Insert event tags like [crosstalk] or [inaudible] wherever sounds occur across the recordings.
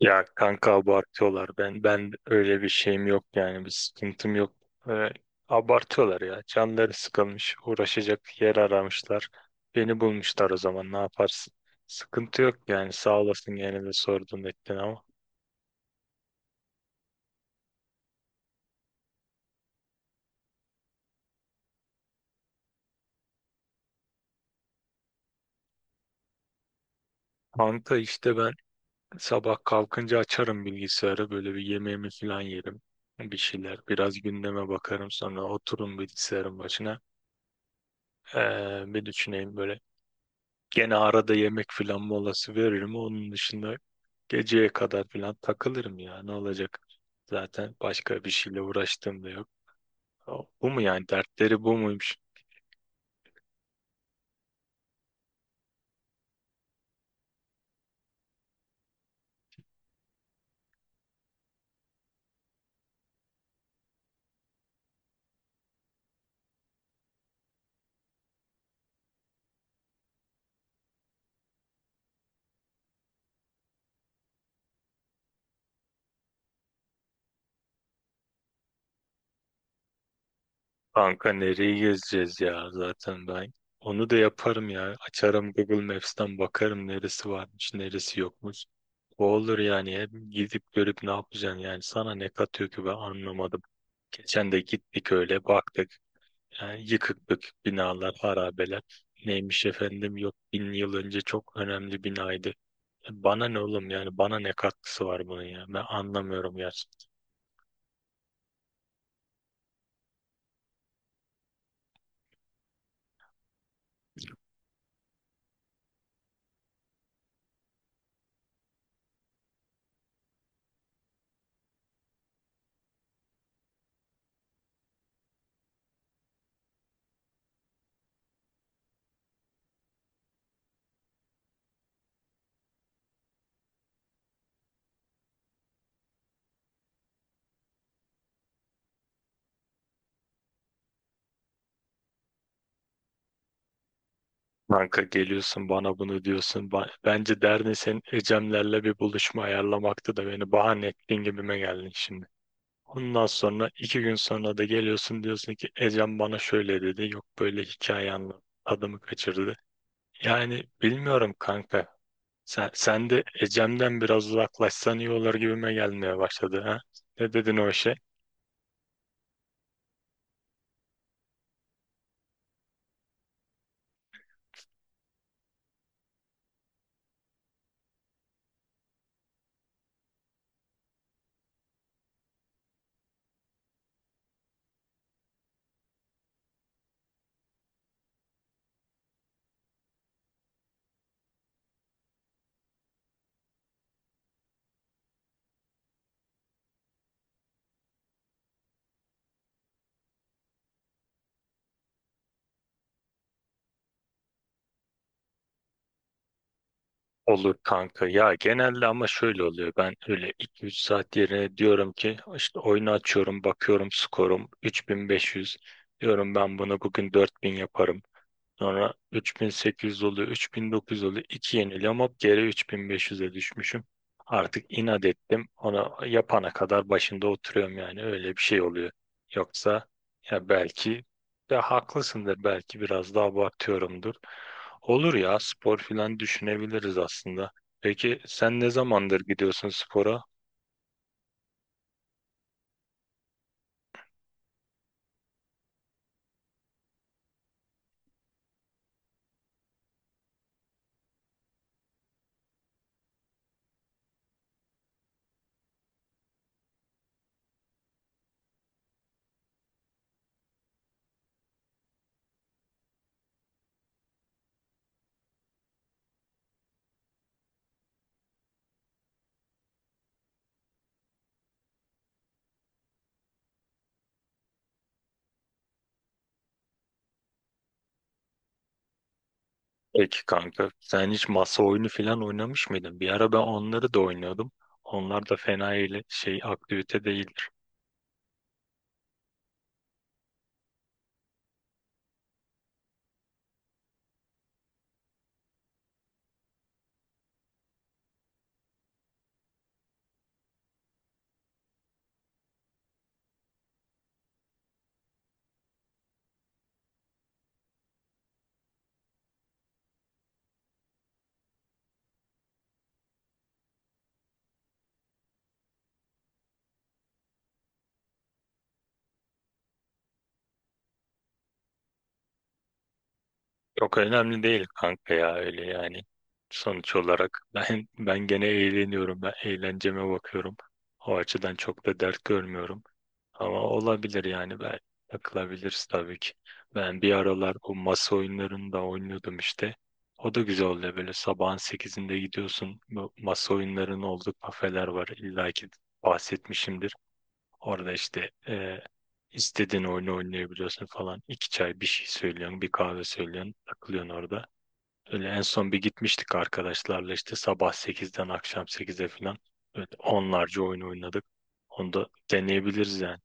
Ya kanka abartıyorlar. Ben öyle bir şeyim yok yani bir sıkıntım yok. Ee, abartıyorlar ya. Canları sıkılmış, uğraşacak yer aramışlar. Beni bulmuşlar, o zaman ne yaparsın? Sıkıntı yok yani, sağ olasın gene de sordun ettin ama. Kanka işte ben sabah kalkınca açarım bilgisayarı, böyle bir yemeğimi falan yerim. Bir şeyler biraz gündeme bakarım, sonra oturum bilgisayarın başına. Bir düşüneyim böyle. Gene arada yemek filan molası veririm. Onun dışında geceye kadar filan takılırım ya. Ne olacak? Zaten başka bir şeyle uğraştığım da yok. Bu mu yani? Dertleri bu muymuş? Kanka nereyi gezeceğiz ya, zaten ben. Onu da yaparım ya. Açarım Google Maps'ten bakarım neresi varmış, neresi yokmuş. O olur yani. Hep gidip görüp ne yapacaksın yani. Sana ne katıyor ki, ben anlamadım. Geçen de gittik öyle baktık. Yani yıkık dökük binalar, harabeler. Neymiş efendim, yok 1000 yıl önce çok önemli binaydı. Bana ne oğlum yani, bana ne katkısı var bunun ya, ben anlamıyorum gerçekten. Kanka geliyorsun bana bunu diyorsun. Bence derdin senin Ecemlerle bir buluşma ayarlamaktı da beni bahane ettiğin gibime geldin şimdi. Ondan sonra iki gün sonra da geliyorsun diyorsun ki Ecem bana şöyle dedi, yok böyle hikaye anlattı, adımı kaçırdı. Yani bilmiyorum kanka, sen de Ecem'den biraz uzaklaşsan iyi olur gibime gelmeye başladı, ha? Ne dedin o işe? Olur kanka ya, genelde ama şöyle oluyor: ben öyle iki üç saat yerine diyorum ki işte oyunu açıyorum, bakıyorum skorum 3500, diyorum ben bunu bugün 4000 yaparım. Sonra 3800 oluyor, 3900 oluyor. İki yeniliyorum, hop geri 3500'e düşmüşüm. Artık inat ettim. Onu yapana kadar başında oturuyorum, yani öyle bir şey oluyor. Yoksa ya belki, ya haklısındır, belki biraz daha abartıyorumdur. Olur ya, spor filan düşünebiliriz aslında. Peki sen ne zamandır gidiyorsun spora? Peki kanka, sen hiç masa oyunu filan oynamış mıydın? Bir ara ben onları da oynuyordum. Onlar da fena şey, aktivite değil. Yok önemli değil kanka ya, öyle yani. Sonuç olarak [laughs] ben gene eğleniyorum. Ben eğlenceme bakıyorum. O açıdan çok da dert görmüyorum. Ama olabilir yani, ben takılabiliriz tabii ki. Ben bir aralar bu masa oyunlarını da oynuyordum işte. O da güzel oluyor, böyle sabahın 8'inde gidiyorsun. Bu masa oyunlarının olduğu kafeler var. İlla ki bahsetmişimdir. Orada işte istediğin oyunu oynayabiliyorsun falan. İki çay bir şey söylüyorsun, bir kahve söylüyorsun, takılıyorsun orada. Öyle en son bir gitmiştik arkadaşlarla, işte sabah 8'den akşam 8'e falan. Böyle onlarca oyun oynadık. Onu da deneyebiliriz yani.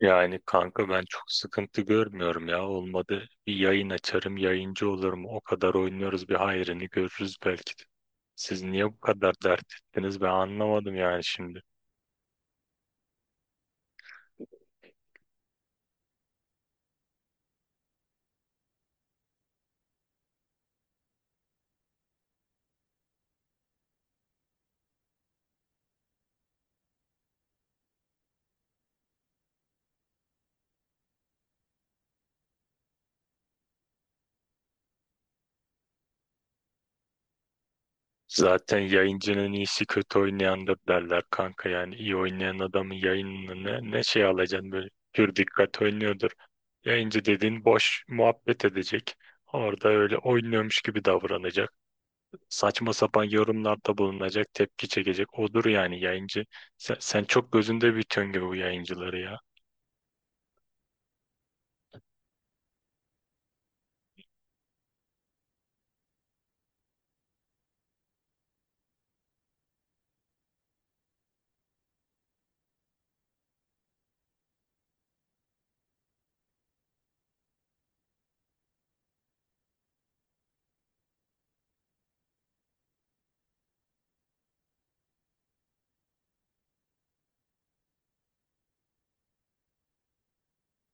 Yani kanka, ben çok sıkıntı görmüyorum ya. Olmadı bir yayın açarım, yayıncı olurum. O kadar oynuyoruz, bir hayrını görürüz belki de. Siz niye bu kadar dert ettiniz, ben anlamadım yani şimdi. Zaten yayıncının iyisi kötü oynayandır derler kanka, yani iyi oynayan adamın yayınını ne, ne şey alacaksın, böyle pür dikkat oynuyordur. Yayıncı dediğin boş muhabbet edecek. Orada öyle oynuyormuş gibi davranacak. Saçma sapan yorumlarda bulunacak, tepki çekecek. Odur yani yayıncı. Sen çok gözünde büyütüyorsun gibi bu yayıncıları ya.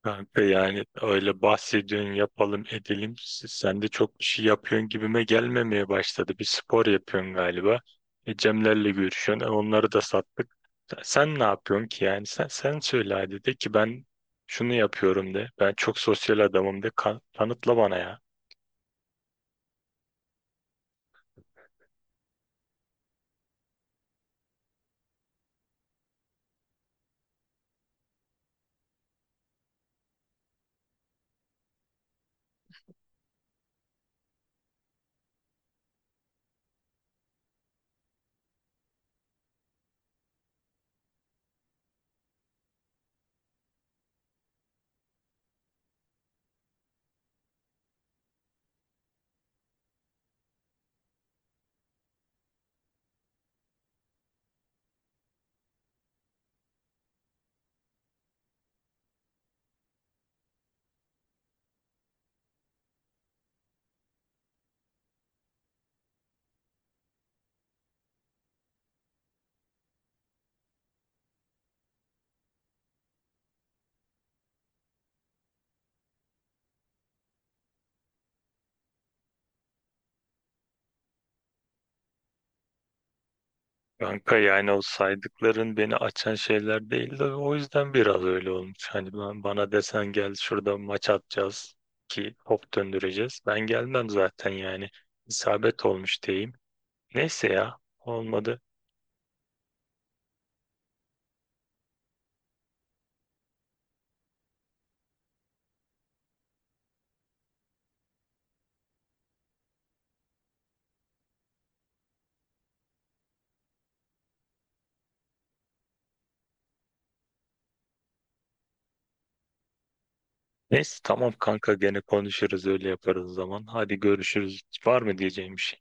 Kanka yani öyle bahsediyorsun, yapalım edelim. Sen de çok bir şey yapıyorsun gibime gelmemeye başladı. Bir spor yapıyorsun galiba. E, Cemlerle görüşüyorsun. E, onları da sattık. Sen ne yapıyorsun ki yani? Sen söyle hadi, de ki ben şunu yapıyorum de. Ben çok sosyal adamım de. Kanıtla bana ya. Kanka yani o saydıkların beni açan şeyler değil, de o yüzden biraz öyle olmuş. Hani ben, bana desen gel şurada maç atacağız ki hop döndüreceğiz. Ben gelmem zaten yani. İsabet olmuş diyeyim. Neyse ya, olmadı. Neyse tamam kanka, gene konuşuruz, öyle yaparız o zaman. Hadi görüşürüz. Var mı diyeceğim bir şey?